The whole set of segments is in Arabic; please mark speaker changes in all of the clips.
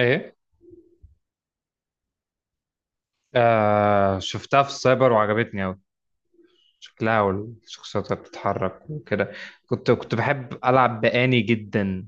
Speaker 1: ايه. شفتها في السايبر وعجبتني أوي. شكلها والشخصيات اللي بتتحرك وكده. كنت بحب ألعب بأني جدا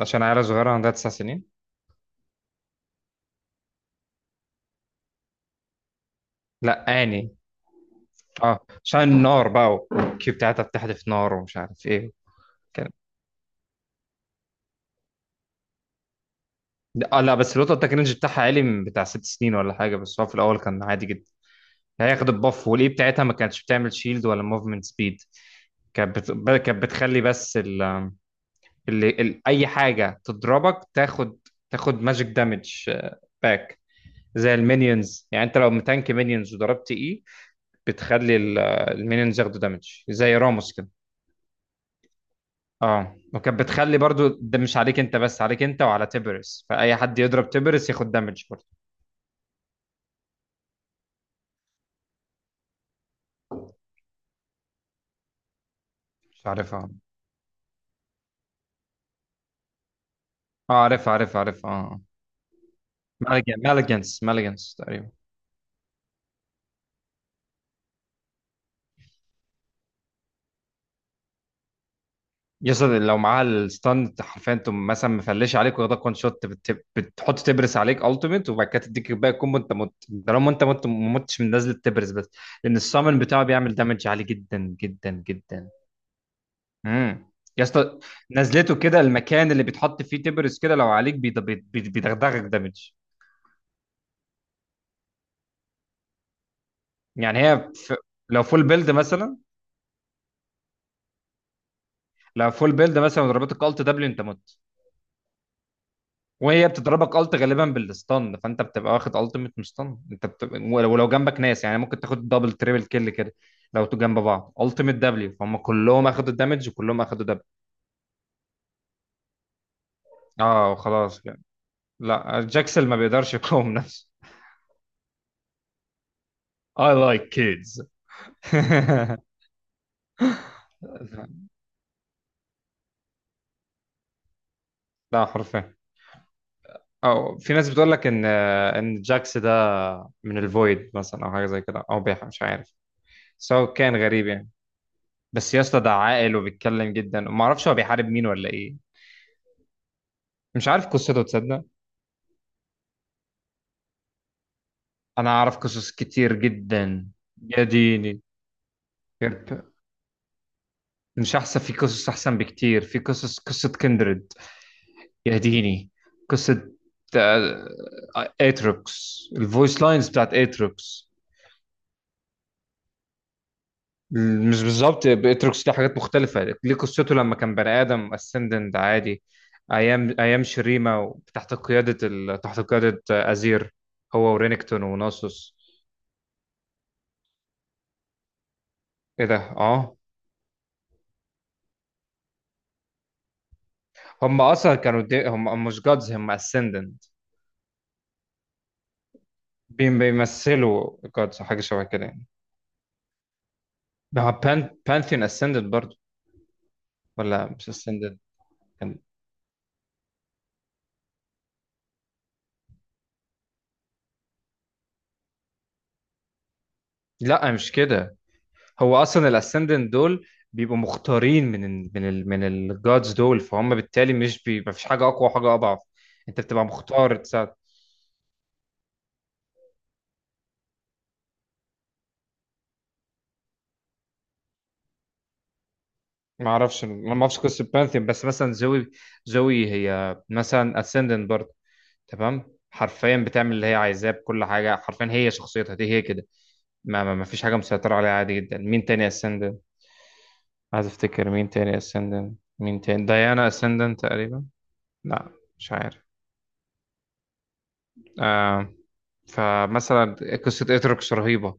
Speaker 1: عشان عيلة صغيرة عندها تسع سنين. لا، آني. اه، عشان النار بقى والكيو بتاعتها بتحدف نار ومش عارف ايه، كده. لا بس الوتر ده كان الرينج بتاعها عالي من بتاع ست سنين ولا حاجة، بس هو في الأول كان عادي جدا. هي خدت البف والإي بتاعتها، ما كانتش بتعمل شيلد ولا موفمنت سبيد. كانت بتخلي بس اي حاجه تضربك تاخد ماجيك دامج باك. زي المينيونز يعني، انت لو متانك مينيونز وضربت اي بتخلي ال- المينيونز ياخدوا دامج زي راموس كده. اه، وكانت بتخلي برضو ده مش عليك انت بس، عليك انت وعلى تبرس، فاي حد يضرب تبرس ياخد دامج برضو. مش عارفها. اه، عارفها عارفها عارفها اه. مالجنس مالجنس تقريبا. يصل لو معاها الستاند حرفيا، تقوم مثلا مفلش عليك واخدك وان شوت، بتحط تبرس عليك التيميت وبعد كده تديك باقي الكومبو، انت مت. طالما انت مت ما متش من نزله تبرس بس، لان السامن بتاعه بيعمل دامج عالي جدا جدا جدا. امم يا اسطى، نزلته كده المكان اللي بيتحط فيه تبرس كده لو عليك بيدغدغك دامج. يعني هي ف... لو فول بيلد مثلا، لو فول بيلد مثلا وضربتك الت دبليو انت مت. وهي بتضربك الت غالبا بالستان، فانت بتبقى واخد التيميت مستان، انت بتبقى. ولو جنبك ناس، يعني ممكن تاخد دبل تريبل كيل كده. لو تو جنب بعض التيميت دبليو، فهم كلهم اخدوا الدمج وكلهم اخدوا دبل. اه خلاص يعني. لا، جاكسل ما بيقدرش يقاوم نفسه. I like kids. لا حرفيا. او في ناس بتقول لك ان جاكس ده من الفويد مثلا او حاجه زي كده او بيح مش عارف. سو كان غريب يعني. بس يا اسطى ده عاقل وبيتكلم جدا، وما اعرفش هو بيحارب مين ولا ايه. مش عارف قصته تصدق. انا اعرف قصص كتير جدا. يا ديني. يرب. مش احسن، في قصص احسن بكتير، في قصص قصة كندريد. يا ديني. قصة، آه، اتروكس، الفويس لاينز بتاعت اتروكس. مش بالظبط، اتروكس ليه حاجات مختلفة، ليه قصته لما كان بني ادم اسندنت عادي. ايام ايام شريمة تحت قيادة تحت قيادة ازير، هو ورينكتون وناسوس. ايه ده، اه. هم اصلا كانوا دي، هم مش جادز، هم اسندنت. بيمثلوا جادز، حاجه شبه كده يعني. ما هو بان بانثيون اسندنت برضو، ولا مش اسندنت كان؟ لا مش كده، هو اصلا الاسندنت دول بيبقوا مختارين من ال من ال من الجادز دول، فهم بالتالي مش بي، ما فيش حاجه اقوى وحاجه اضعف. انت بتبقى مختار تساعد. ما اعرفش، انا ما اعرفش قصه بانثيون، بس مثلا زوي. زوي هي مثلا اسندنت برضو، تمام. حرفيا بتعمل اللي هي عايزاه بكل حاجه، حرفيا هي شخصيتها دي هي كده. ما فيش حاجه مسيطره عليها عادي جدا. مين تاني اسندنت؟ عايز افتكر، مين تاني اسندنت؟ مين تاني؟ ديانا اسندنت تقريبا. لا، مش عارف. آه فمثلا قصه اتروكس رهيبه.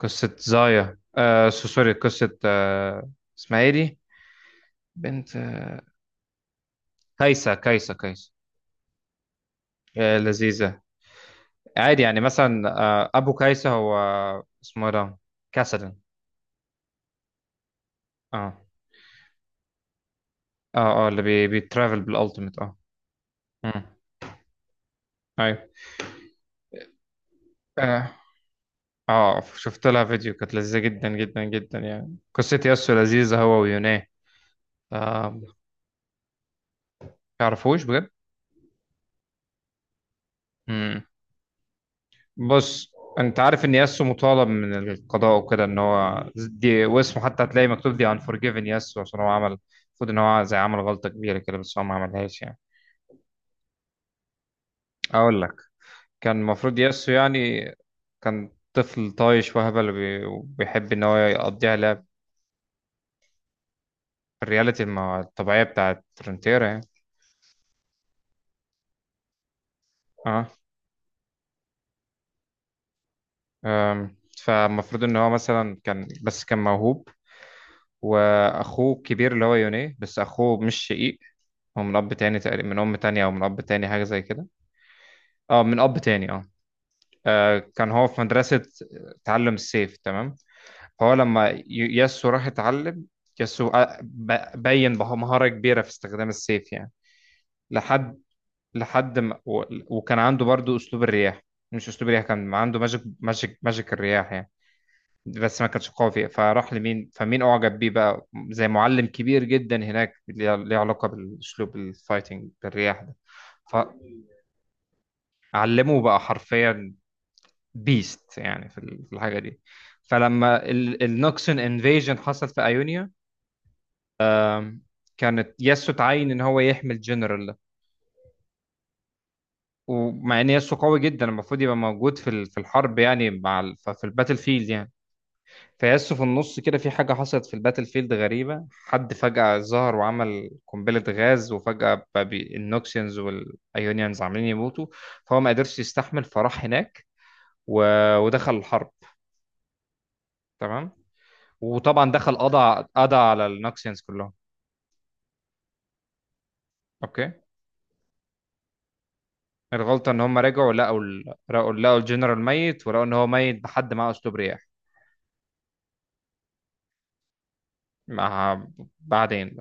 Speaker 1: قصه زايا، سوري، قصه اسمها ايه دي، بنت، كايسا كايسا كايسا. آه لذيذه. عادي يعني، مثلا ابو كايسا، هو اسمه إيه ده، كاسدن. اه، اه، اه اللي بيترافل بالالتيميت، اه. امم ايوه. اه، شفت لها فيديو كانت لذيذة جدا جدا جدا، يعني قصة ياسو لذيذة، هو ويوناه. آه تعرفوش بجد. امم بص، انت عارف ان ياسو مطالب من القضاء وكده، ان هو دي واسمه حتى هتلاقي مكتوب دي انفورجيفن ياسو، عشان هو عمل المفروض ان هو زي عمل غلطة كبيرة كده، بس هو ما عملهاش يعني. اقول لك، كان المفروض ياسو يعني، كان طفل طايش وهبل وبيحب ان هو يقضيها لعب. الرياليتي الطبيعية بتاعت فرونتيرا يعني. اه. أم، فالمفروض ان هو مثلا كان بس كان موهوب، واخوه الكبير اللي هو يوني، بس اخوه مش شقيق، هو من اب تاني تقريبا، من ام تانية او من اب تاني حاجة زي كده. اه، من اب تاني اه. كان هو في مدرسة تعلم السيف، تمام. فهو لما ياسو راح يتعلم، ياسو بين مهارة كبيرة في استخدام السيف يعني. لحد لحد ما وكان عنده برضو اسلوب الرياح. مش اسلوب الرياح، كان عنده ماجيك، ماجيك ماجيك الرياح يعني، بس ما كانش قوي فيه. فراح لمين، فمين اعجب بيه بقى، زي معلم كبير جدا هناك، ليه ليه علاقة بالاسلوب الفايتنج بالرياح ده. فعلمه بقى حرفيا، بيست يعني في في الحاجة دي. فلما النوكسون انفيجن حصل في ايونيا، كانت ياسو تعين ان هو يحمي الجنرال. ومع ان ياسو قوي جدا المفروض يبقى موجود في في الحرب يعني، مع في الباتل فيلد يعني. فياسو في النص كده في حاجه حصلت في الباتل فيلد غريبه، حد فجاه ظهر وعمل قنبله غاز، وفجاه بقى النوكسيانز والايونيانز عاملين يموتوا، فهو ما قدرش يستحمل، فراح هناك و... ودخل الحرب، تمام. وطبعا دخل، قضى على النوكسيانز كلهم. اوكي. الغلطه ان هم رجعوا لقوا لقوا الجنرال ميت، ولقوا ان هو ميت بحد معاه اسلوب رياح. مع، بعدين،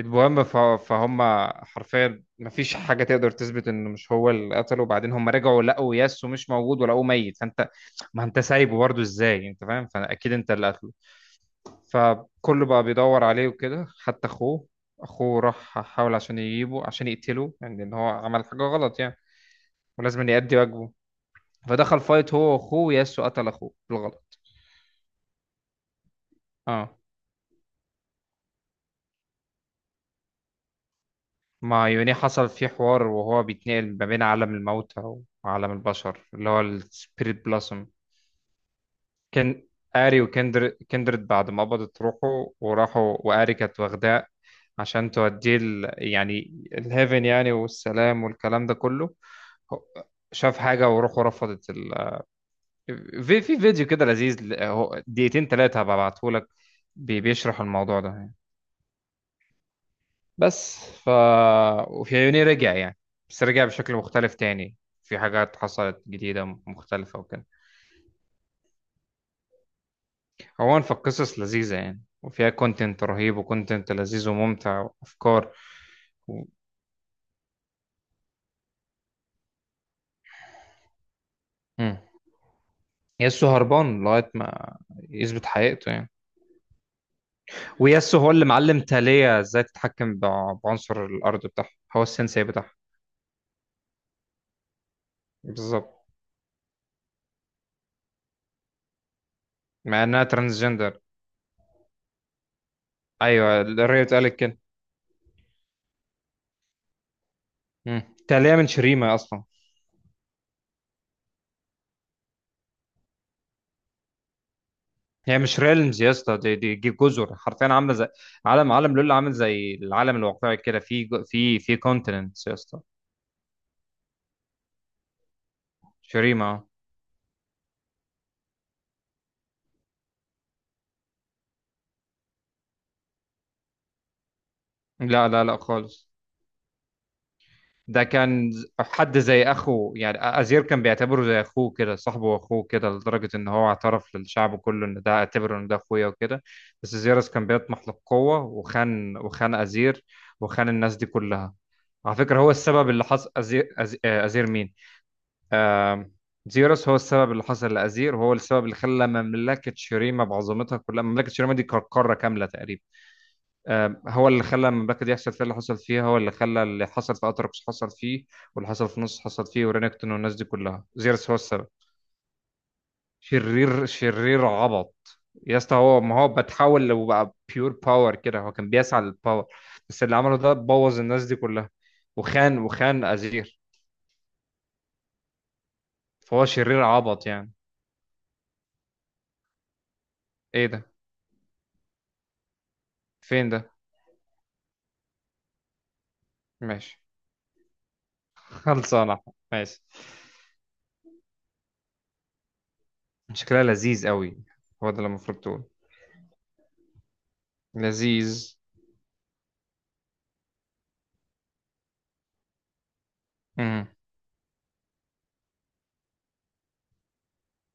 Speaker 1: المهم فهم حرفيا مفيش حاجه تقدر تثبت انه مش هو اللي قتله. وبعدين هم رجعوا لقوا ياسو مش موجود ولقوه ميت. فانت، ما انت سايبه برضه، ازاي انت فاهم، فاكيد انت اللي قتله. فكله بقى بيدور عليه وكده، حتى اخوه. اخوه راح حاول عشان يجيبه، عشان يقتله يعني، ان هو عمل حاجه غلط يعني، ولازم يأدي واجبه. فدخل فايت هو واخوه، ياسو قتل اخوه بالغلط. اه. مع يوني حصل فيه حوار وهو بيتنقل ما بين عالم الموتى وعالم البشر اللي هو السبيريت بلاسم. كان آري كندرد بعد ما قبضت روحه وراحوا، وآري كانت واخداه عشان توديه يعني الهيفن يعني، والسلام والكلام ده كله. هو- شاف حاجة وروحه رفضت في فيديو كده لذيذ هو دقيقتين تلاتة هبعتهولك، بيشرح الموضوع ده يعني. بس ف، وفي عيوني رجع يعني، بس رجع بشكل مختلف تاني، في حاجات حصلت جديدة مختلفة وكده. عموما فالقصص لذيذة يعني، وفيها كونتنت رهيب وكونتنت لذيذ وممتع وأفكار و... مم. ياسو هربان لغاية ما يثبت حقيقته يعني. وياسو هو اللي معلم تالية ازاي تتحكم بعنصر الأرض بتاعها، هو السensei بتاعها، بالظبط. مع إنها ترانسجندر. أيوة الريت اتقالت كده. مم. تالية من شريمة أصلا. هي مش ريلمز يا اسطى، دي جزر حرفيا، عامله زي عالم، عالم لول عامل زي العالم الواقعي كده، في في في كونتيننتس يا اسطى. شريمه. لا لا لا خالص. ده كان حد زي اخوه يعني، ازير كان بيعتبره زي اخوه كده، صاحبه واخوه كده، لدرجه ان هو اعترف للشعب كله ان ده، اعتبره ان ده اخويا وكده. بس زيرس كان بيطمح للقوه، وخان وخان ازير، وخان الناس دي كلها. على فكره هو السبب اللي حصل ازير، ازير مين، آم، زيرس هو السبب اللي حصل لازير، وهو السبب اللي خلى مملكه شريمه بعظمتها كلها، مملكه شريمه دي كانت قاره كامله تقريبا. هو اللي خلى المملكه دي يحصل فيها اللي حصل فيها، هو اللي خلى اللي حصل في اتركس حصل فيه، واللي حصل في نص حصل فيه ورينكتون والناس دي كلها، زيرس هو السبب. شرير شرير عبط. يا اسطى هو ما هو بتحول وبقى بيور باور كده، هو كان بيسعى للباور، بس اللي عمله ده بوظ الناس دي كلها، وخان وخان ازير، فهو شرير عبط يعني. ايه ده، فين ده، ماشي. خلصانه. ماشي. شكلها لذيذ قوي. هو ده اللي المفروض تقول، لذيذ. مم.